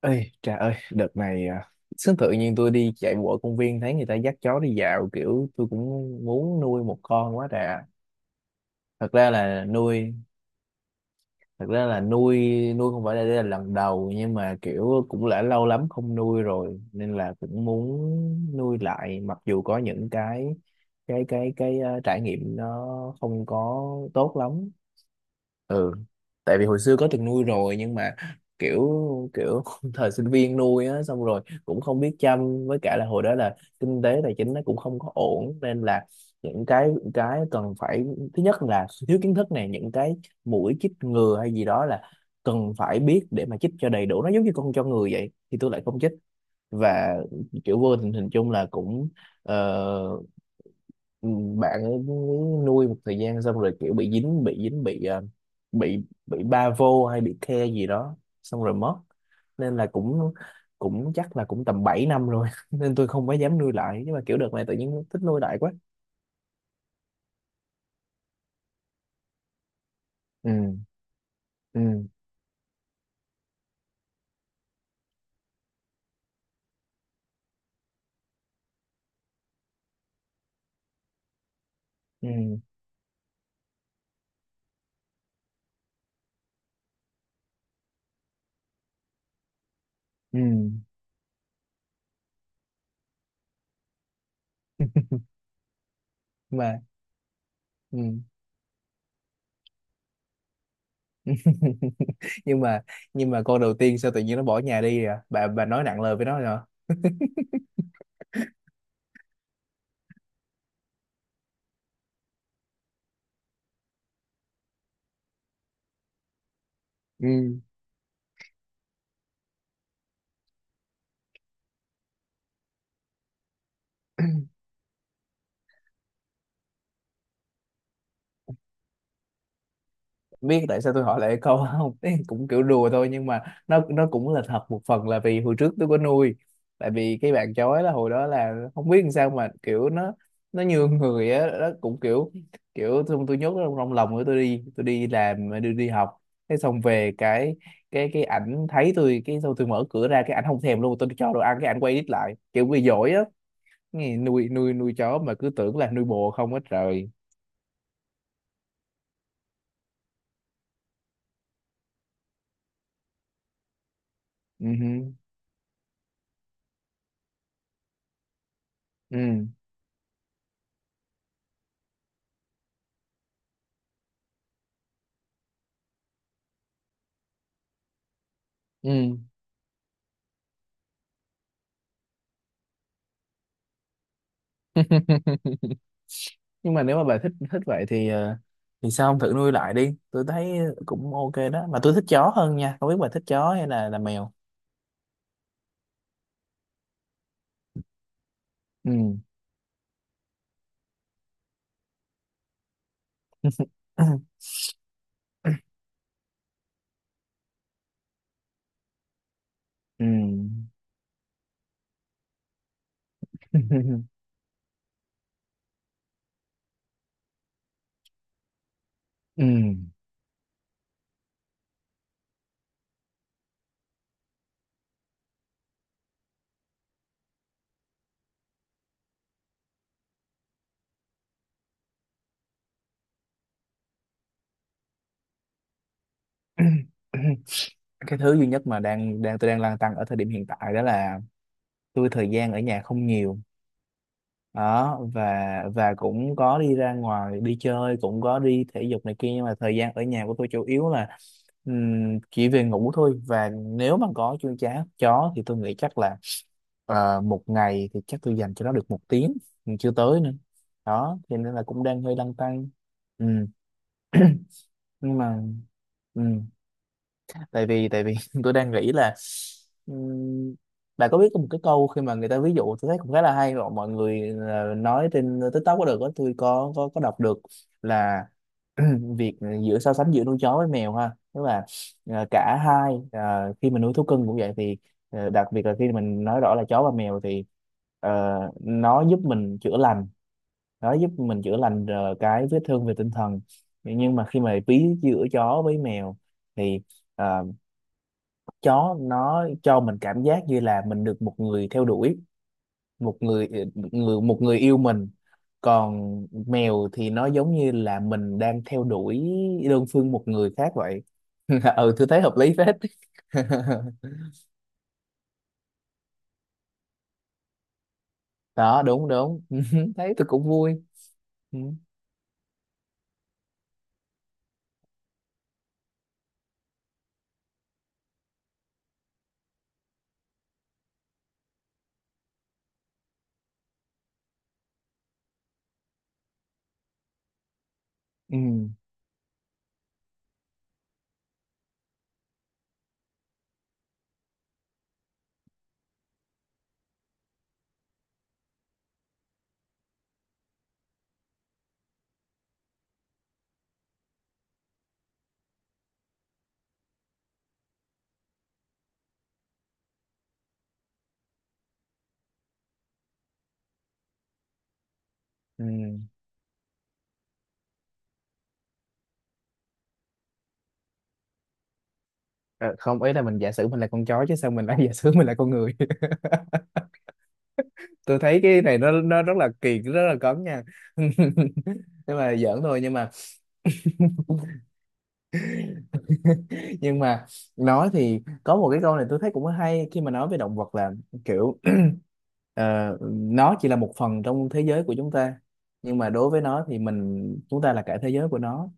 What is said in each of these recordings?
Ê, trời ơi, đợt này à, sướng tự nhiên tôi đi chạy bộ ở công viên thấy người ta dắt chó đi dạo, kiểu tôi cũng muốn nuôi một con quá trời. Thật ra là nuôi, Thật ra là nuôi nuôi, không phải là đây là lần đầu nhưng mà kiểu cũng đã lâu lắm không nuôi rồi nên là cũng muốn nuôi lại, mặc dù có những trải nghiệm nó không có tốt lắm. Ừ, tại vì hồi xưa có từng nuôi rồi nhưng mà kiểu kiểu thời sinh viên nuôi á, xong rồi cũng không biết chăm, với cả là hồi đó là kinh tế tài chính nó cũng không có ổn, nên là những cái cần phải, thứ nhất là thiếu kiến thức này, những cái mũi chích ngừa hay gì đó là cần phải biết để mà chích cho đầy đủ, nó giống như con cho người vậy, thì tôi lại không chích. Và kiểu vô tình hình chung là cũng ờ, ừ, bạn ấy nuôi một thời gian xong rồi kiểu bị dính bị dính bị ờ, bị ba vô hay bị the gì đó xong rồi mất. Nên là cũng cũng chắc là cũng tầm 7 năm rồi nên tôi không có dám nuôi lại, nhưng mà kiểu đợt này tự nhiên thích nuôi lại quá. Ừ, ừ, ừ, ừ, mà ừ. nhưng mà nhưng mà con đầu tiên sao tự nhiên nó bỏ nhà đi à? Bà nói nặng lời với nó rồi hả? Ừ. Biết tại sao tôi hỏi lại câu không? Ý, cũng kiểu đùa thôi, nhưng mà nó cũng là thật. Một phần là vì hồi trước tôi có nuôi, tại vì cái bạn chó ấy là hồi đó là không biết làm sao mà kiểu nó nhường người á, nó cũng kiểu kiểu xong tôi nhốt nó trong, trong lòng của tôi, đi tôi đi làm đi đi học. Thế xong về cái ảnh thấy tôi, cái xong tôi mở cửa ra cái ảnh không thèm luôn, tôi cho đồ ăn cái ảnh quay đít lại kiểu bị dỗi á. Nghe nuôi nuôi nuôi chó mà cứ tưởng là nuôi bồ không hết trời. Ừ hử. Ừ. Ừ. Nhưng mà nếu mà bà thích thích vậy thì thì sao không thử nuôi lại đi, tôi thấy cũng ok đó mà. Tôi thích chó hơn nha, không biết bà thích chó hay là mèo. Ừ. Ừ. Ừ. Cái thứ duy nhất mà đang đang tôi đang lăn tăn ở thời điểm hiện tại đó là tôi thời gian ở nhà không nhiều đó. Và cũng có đi ra ngoài đi chơi, cũng có đi thể dục này kia, nhưng mà thời gian ở nhà của tôi chủ yếu là chỉ về ngủ thôi. Và nếu mà có chuông chá chó thì tôi nghĩ chắc là một ngày thì chắc tôi dành cho nó được một tiếng, nhưng chưa tới nữa đó, thì nên là cũng đang hơi lăn tăn. Ừ. Nhưng mà, ừ, tại vì tôi đang nghĩ là, ừm, bạn có biết có một cái câu khi mà người ta ví dụ, tôi thấy cũng khá là hay mà mọi người nói trên TikTok có được đó, tôi có đọc được là, việc giữa so sánh giữa nuôi chó với mèo ha, tức là cả hai, khi mình nuôi thú cưng cũng vậy thì đặc biệt là khi mình nói rõ là chó và mèo thì nó giúp mình chữa lành, nó giúp mình chữa lành cái vết thương về tinh thần. Nhưng mà khi mà ví giữa chó với mèo thì ờ, chó nó cho mình cảm giác như là mình được một người theo đuổi, một người ờ, một người yêu mình. Còn mèo thì nó giống như là mình đang theo đuổi đơn phương một người khác vậy. Ừ, tôi thấy hợp lý phết. Đó, đúng đúng. Thấy tôi cũng vui. Ừ. Ừ. Ừ. Ờ, không, ý là mình giả sử mình là con chó chứ sao mình lại giả sử mình là con người. Tôi thấy cái này nó rất là kỳ, rất là cấn nha. Nhưng mà giỡn thôi, nhưng mà nhưng mà nói thì có một cái câu này tôi thấy cũng hay khi mà nói về động vật là kiểu, nó chỉ là một phần trong thế giới của chúng ta, nhưng mà đối với nó thì mình, chúng ta là cả thế giới của nó.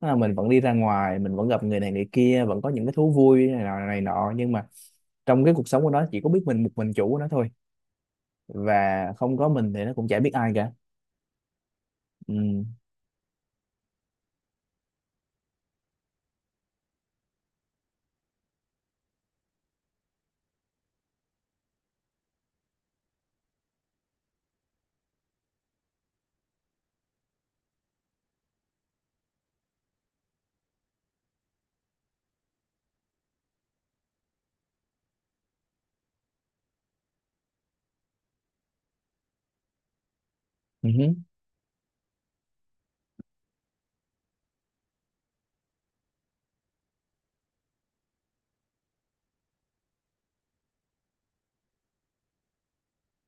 Tức là mình vẫn đi ra ngoài, mình vẫn gặp người này người kia, vẫn có những cái thú vui này nọ này nọ, nhưng mà trong cái cuộc sống của nó chỉ có biết mình, một mình chủ của nó thôi, và không có mình thì nó cũng chả biết ai cả. Ừ. Ừ.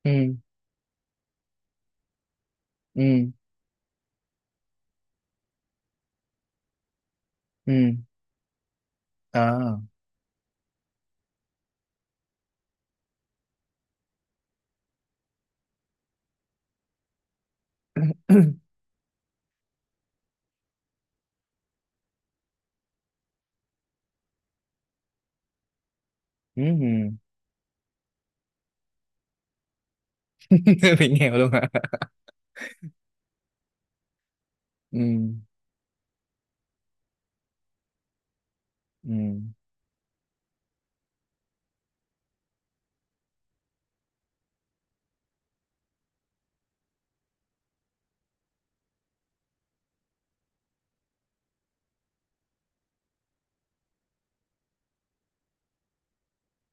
Ừ. Ừ. Ừ. Ờ. Ừ. Bị nghèo luôn hả? Ừ. Ừ.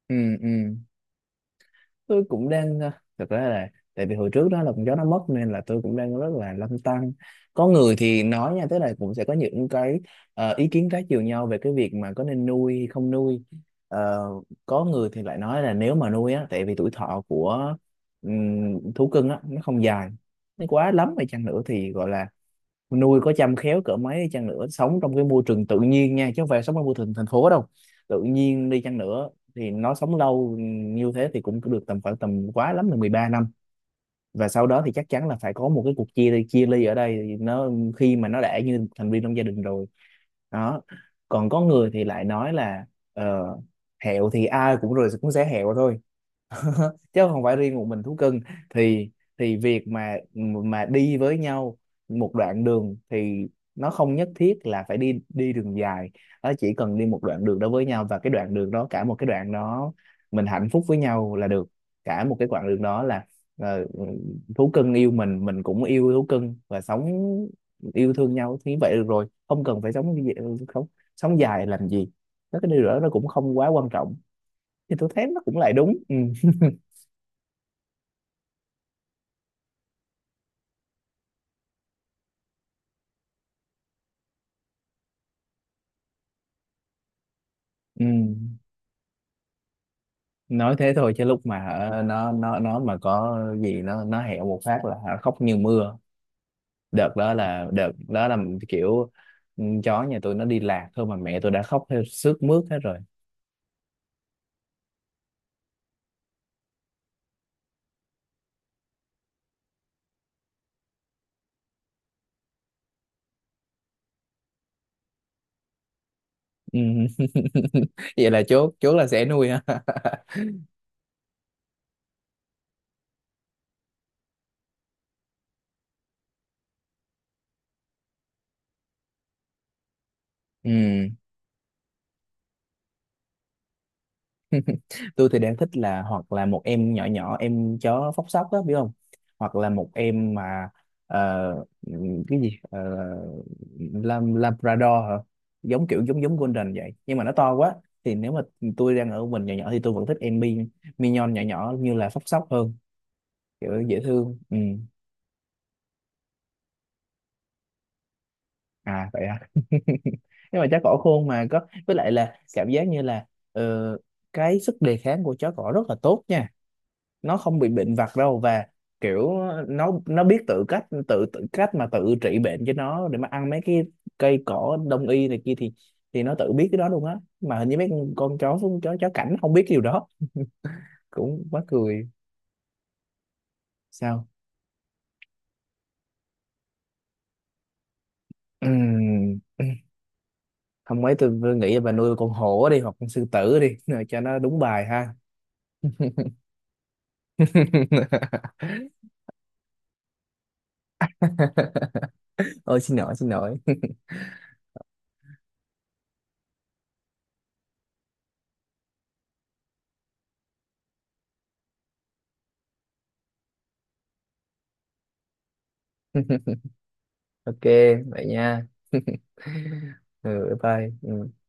Ừ. Ừ. Tôi cũng đang à, thật ra là tại vì hồi trước đó là con chó nó mất nên là tôi cũng đang rất là lăn tăn. Có người thì nói nha, tức là cũng sẽ có những cái ý kiến trái chiều nhau về cái việc mà có nên nuôi hay không nuôi. Ờ, có người thì lại nói là nếu mà nuôi á, tại vì tuổi thọ của thú cưng á nó không dài, nó quá lắm hay chăng nữa thì gọi là nuôi có chăm khéo cỡ mấy đi chăng nữa, sống trong cái môi trường tự nhiên nha, chứ không phải sống trong môi trường thành phố đâu, tự nhiên đi chăng nữa thì nó sống lâu như thế thì cũng được tầm khoảng tầm quá lắm là 13 năm. Và sau đó thì chắc chắn là phải có một cái cuộc chia ly ở đây. Thì nó, khi mà nó đã như một thành viên trong gia đình rồi đó. Còn có người thì lại nói là ờ, hẹo thì ai cũng rồi cũng sẽ hẹo thôi, chứ không phải riêng một mình thú cưng. Thì thì việc mà đi với nhau một đoạn đường thì nó không nhất thiết là phải đi đi đường dài, nó chỉ cần đi một đoạn đường đó với nhau và cái đoạn đường đó, cả một cái đoạn đó mình hạnh phúc với nhau là được. Cả một cái quãng đường đó là ờ, thú cưng yêu mình cũng yêu thú cưng và sống yêu thương nhau thì vậy được rồi, không cần phải không, sống dài làm gì. Nó cái điều đó nó cũng không quá quan trọng. Thì tôi thấy nó cũng lại đúng. Ừ. Ừ. Nói thế thôi chứ lúc mà nó mà có gì nó hẹo một phát là hả, khóc như mưa. Đợt đó là kiểu, ừ, chó nhà tôi nó đi lạc thôi mà mẹ tôi đã khóc theo sướt mướt hết rồi. Ừ. Vậy là chốt chốt là sẽ nuôi ha. Ừ. Tôi thì đang thích là hoặc là một em nhỏ nhỏ, em chó phốc sóc á biết không, hoặc là một em mà ờ, cái gì? Ờ, Lam- Labrador hả? Giống kiểu giống giống Golden vậy, nhưng mà nó to quá thì nếu mà tôi đang ở mình nhỏ nhỏ thì tôi vẫn thích em Mi Mignon nhỏ nhỏ như là phốc sóc hơn, kiểu dễ thương. Ừ. À vậy à. Nhưng mà chó cỏ khôn mà có, với lại là cảm giác như là ờ, cái sức đề kháng của chó cỏ rất là tốt nha, nó không bị bệnh vặt đâu. Và kiểu nó biết tự cách tự tự cách mà tự trị bệnh cho nó, để mà ăn mấy cái cây cỏ đông y này kia thì nó tự biết cái đó luôn á, mà hình như mấy con chó chó chó cảnh không biết điều đó. Cũng quá cười. Sao? Ừm, không, ấy tôi vừa nghĩ là bà nuôi con hổ đi hoặc con sư tử đi rồi cho nó đúng bài ha. Ôi, xin lỗi xin lỗi. Ok, vậy nha. Ừ, bye bye. Ừ.